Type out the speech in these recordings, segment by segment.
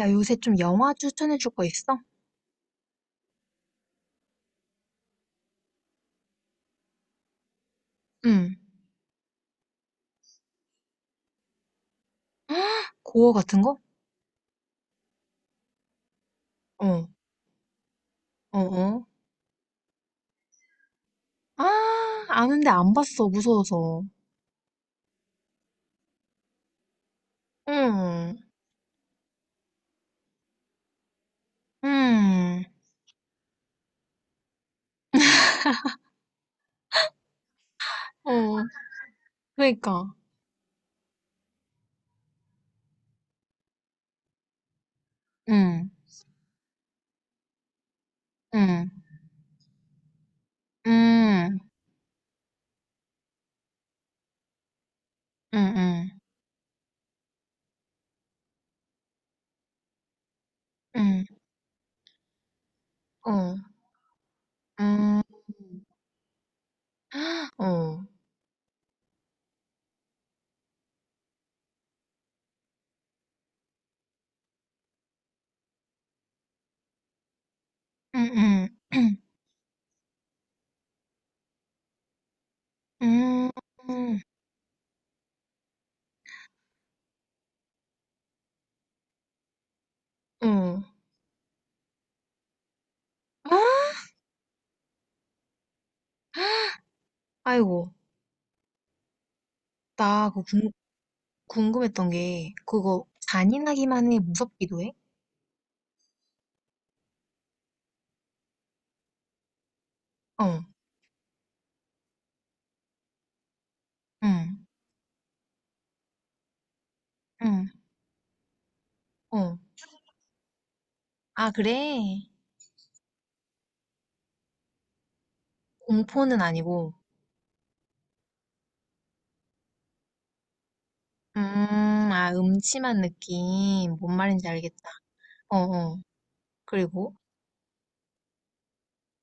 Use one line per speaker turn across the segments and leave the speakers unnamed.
야, 요새 좀 영화 추천해 줄 거 있어? 응. 고어 같은 거? 어, 어. 아, 아는데 안 봤어, 무서워서. 응, 응. 어, 그러니까. 응, 응, 응, 응, 응, 응. 어, 응, 어, 응. 응, 응. 아, 아이고, 나 그거 궁, 궁금했던 게, 그거 잔인하기만 해, 무섭기도 해? 어. 응, 응. 어. 아, 그래? 공포는 아니고. 음, 아, 음침한 느낌. 뭔 말인지 알겠다. 어, 어. 그리고,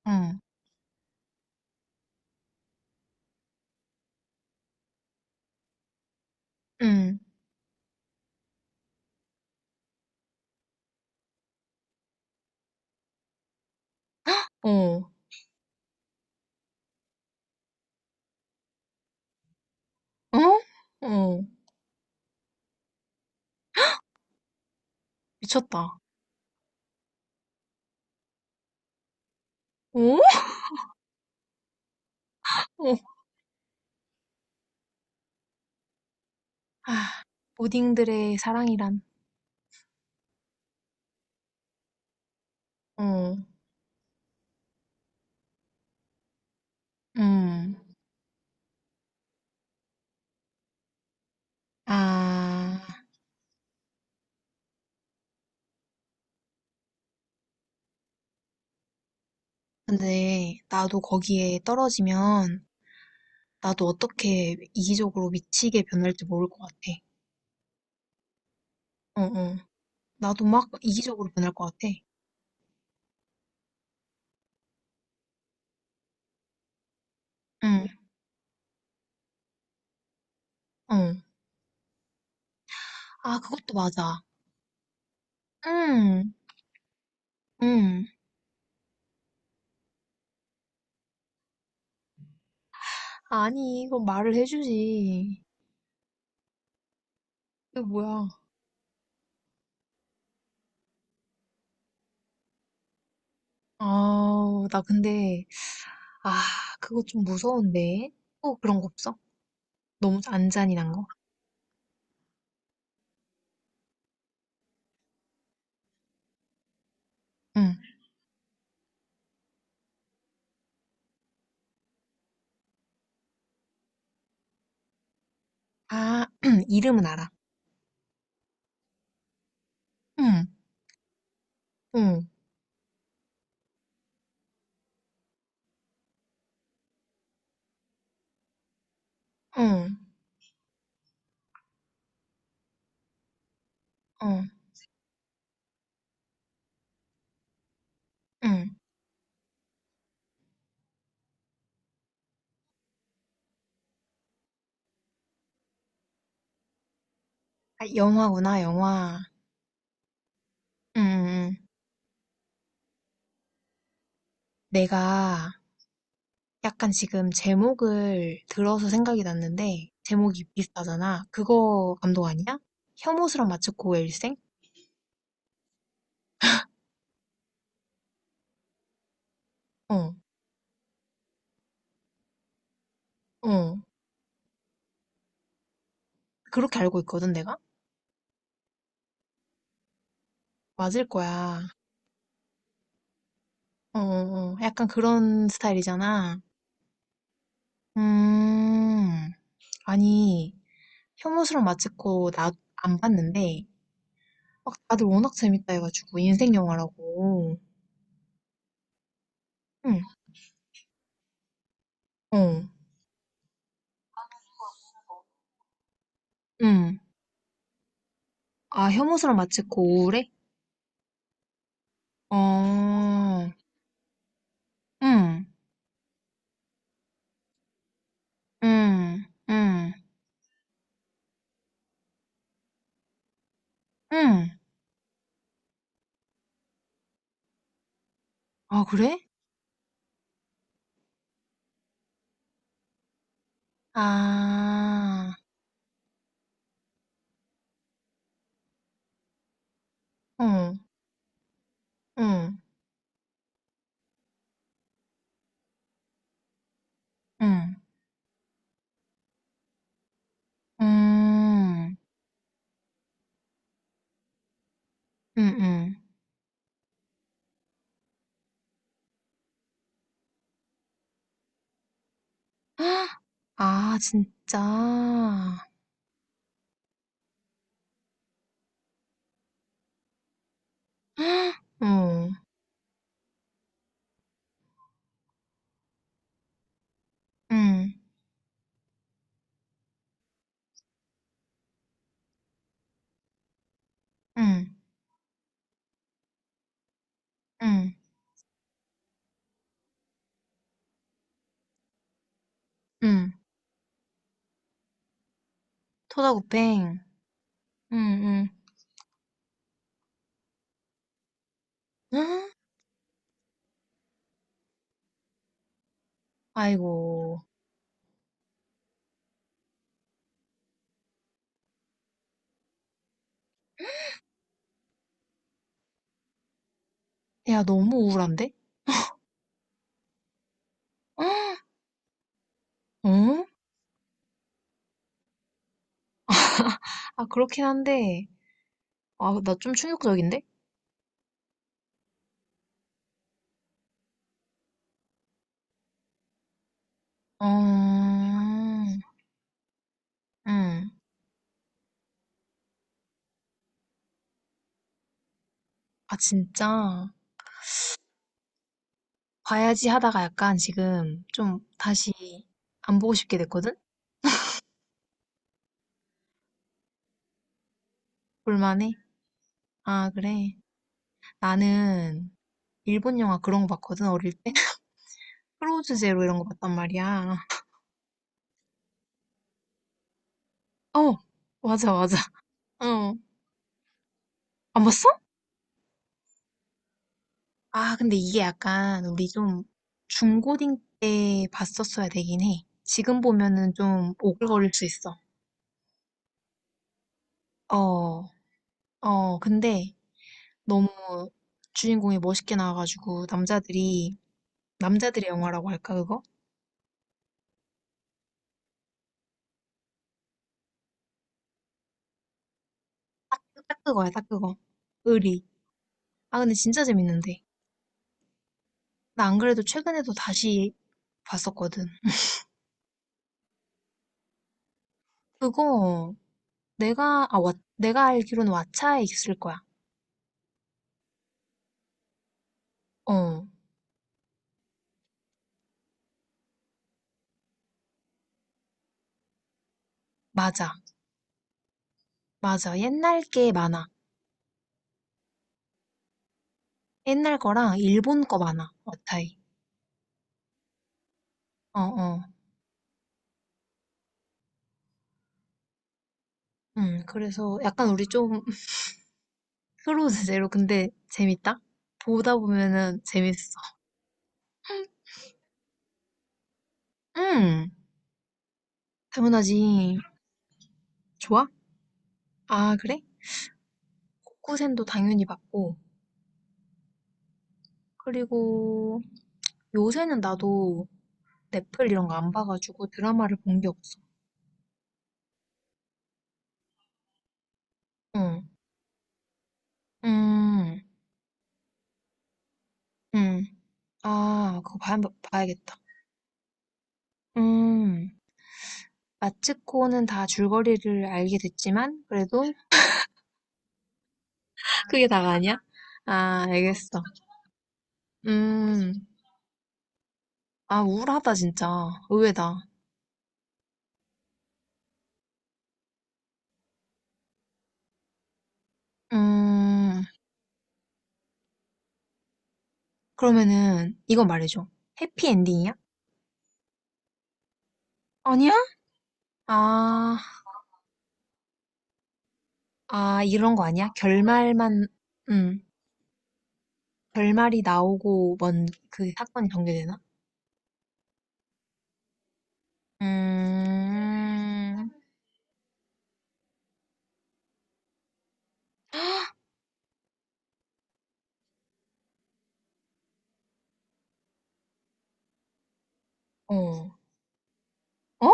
응, 응, 어, 어? 어. 미쳤다. 어? 어. 아, 오딩들의 사랑이란. 어, 음. 아, 근데 나도 거기에 떨어지면 나도 어떻게 이기적으로 미치게 변할지 모를 것 같아. 어, 어. 나도 막 이기적으로 변할 것 같아. 응, 응. 아, 그것도 맞아. 응, 응. 아니, 그거 말을 해주지. 이거 뭐야? 아, 나 근데, 아, 그거 좀 무서운데. 또 그런 거 없어? 너무 안 잔인한 거? 응. 아, 이름은 알아. 응, 응, 응, 응, 응. 아, 영화구나, 영화. 응, 응. 응. 내가 약간 지금 제목을 들어서 생각이 났는데 제목이 비슷하잖아. 그거 감독 아니야? 혐오스런 마츠코 일생? 어, 어. 그렇게 알고 있거든 내가? 맞을 거야. 어. 약간 그런 스타일이잖아. 음, 아니 혐오스런 마츠코 나 안 봤는데 막 다들 워낙 재밌다 해가지고 인생 영화라고. 응, 어, 응. 아 혐오스런 마츠코 우울해? 어, 응. 음. 음. 음. 아 그래? 아. 어. 응. 응. 음. 음음. 아 진짜. 어. 응. 응. 응. 응. 토다구팽. 응응. 아이고. 야 너무 우울한데? 어? 아 그렇긴 한데. 아 나 좀 충격적인데? 어. 응. 아 진짜. 봐야지 하다가 약간 지금 좀 다시 안 보고 싶게 됐거든? 볼만해? 아, 그래. 나는 일본 영화 그런 거 봤거든, 어릴 때. 크로즈 제로 이런 거 봤단 말이야. 어, 맞아. 어. 안 봤어? 아, 근데 이게 약간 우리 좀 중고딩 때 봤었어야 되긴 해. 지금 보면은 좀 오글거릴 수 있어. 어, 어, 근데 너무 주인공이 멋있게 나와가지고 남자들이, 남자들의 영화라고 할까, 그거? 딱 그거야, 딱 그거. 의리. 아, 근데 진짜 재밌는데. 나 안 그래도 최근에도 다시 봤었거든. 그거 내가, 아, 왓- 내가 알기로는 왓챠에 있을 거야. 어, 맞아. 맞아. 옛날 게 많아. 옛날 거랑 일본 거 많아. 왓챠에. 어, 어. 그래서 약간 우리 좀 서로 제대로 근데 재밌다? 보다 보면은 재밌어. 음, 당연하지. 좋아? 아, 그래? 코쿠센도 당연히 봤고. 그리고 요새는 나도 넷플 이런 거 안 봐가지고 드라마를 본 게 없어. 응. 음, 음. 아, 봐야겠다. 음. 마츠코는 다 줄거리를 알게 됐지만, 그래도 그게 다가 아니야? 아, 알겠어. 음. 아, 우울하다, 진짜. 의외다. 음. 그러면은, 이거 말해줘. 해피엔딩이야? 아니야? 아, 이런 거 아니야? 결말만, 음. 결말이 나오고 먼 그 사건이 전개되나? 음, 어. 어?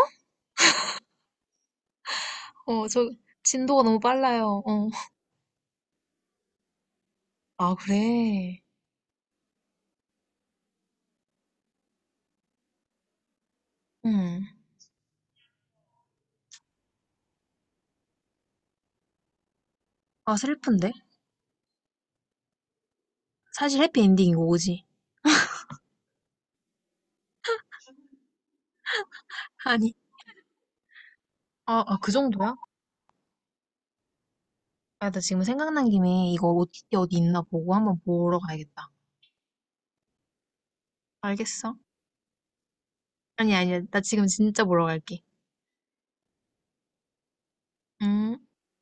어, 저 진도가 너무 빨라요. 어. 아, 그래. 음. 아, 슬픈데? 사실 해피엔딩이고, 오지? 아니. 그 정도야? 아, 나 지금 생각난 김에 이거 OTT 어디 있나 보고 한번 보러 가야겠다. 알겠어? 아니, 아니야. 나 지금 진짜 보러 갈게. 음.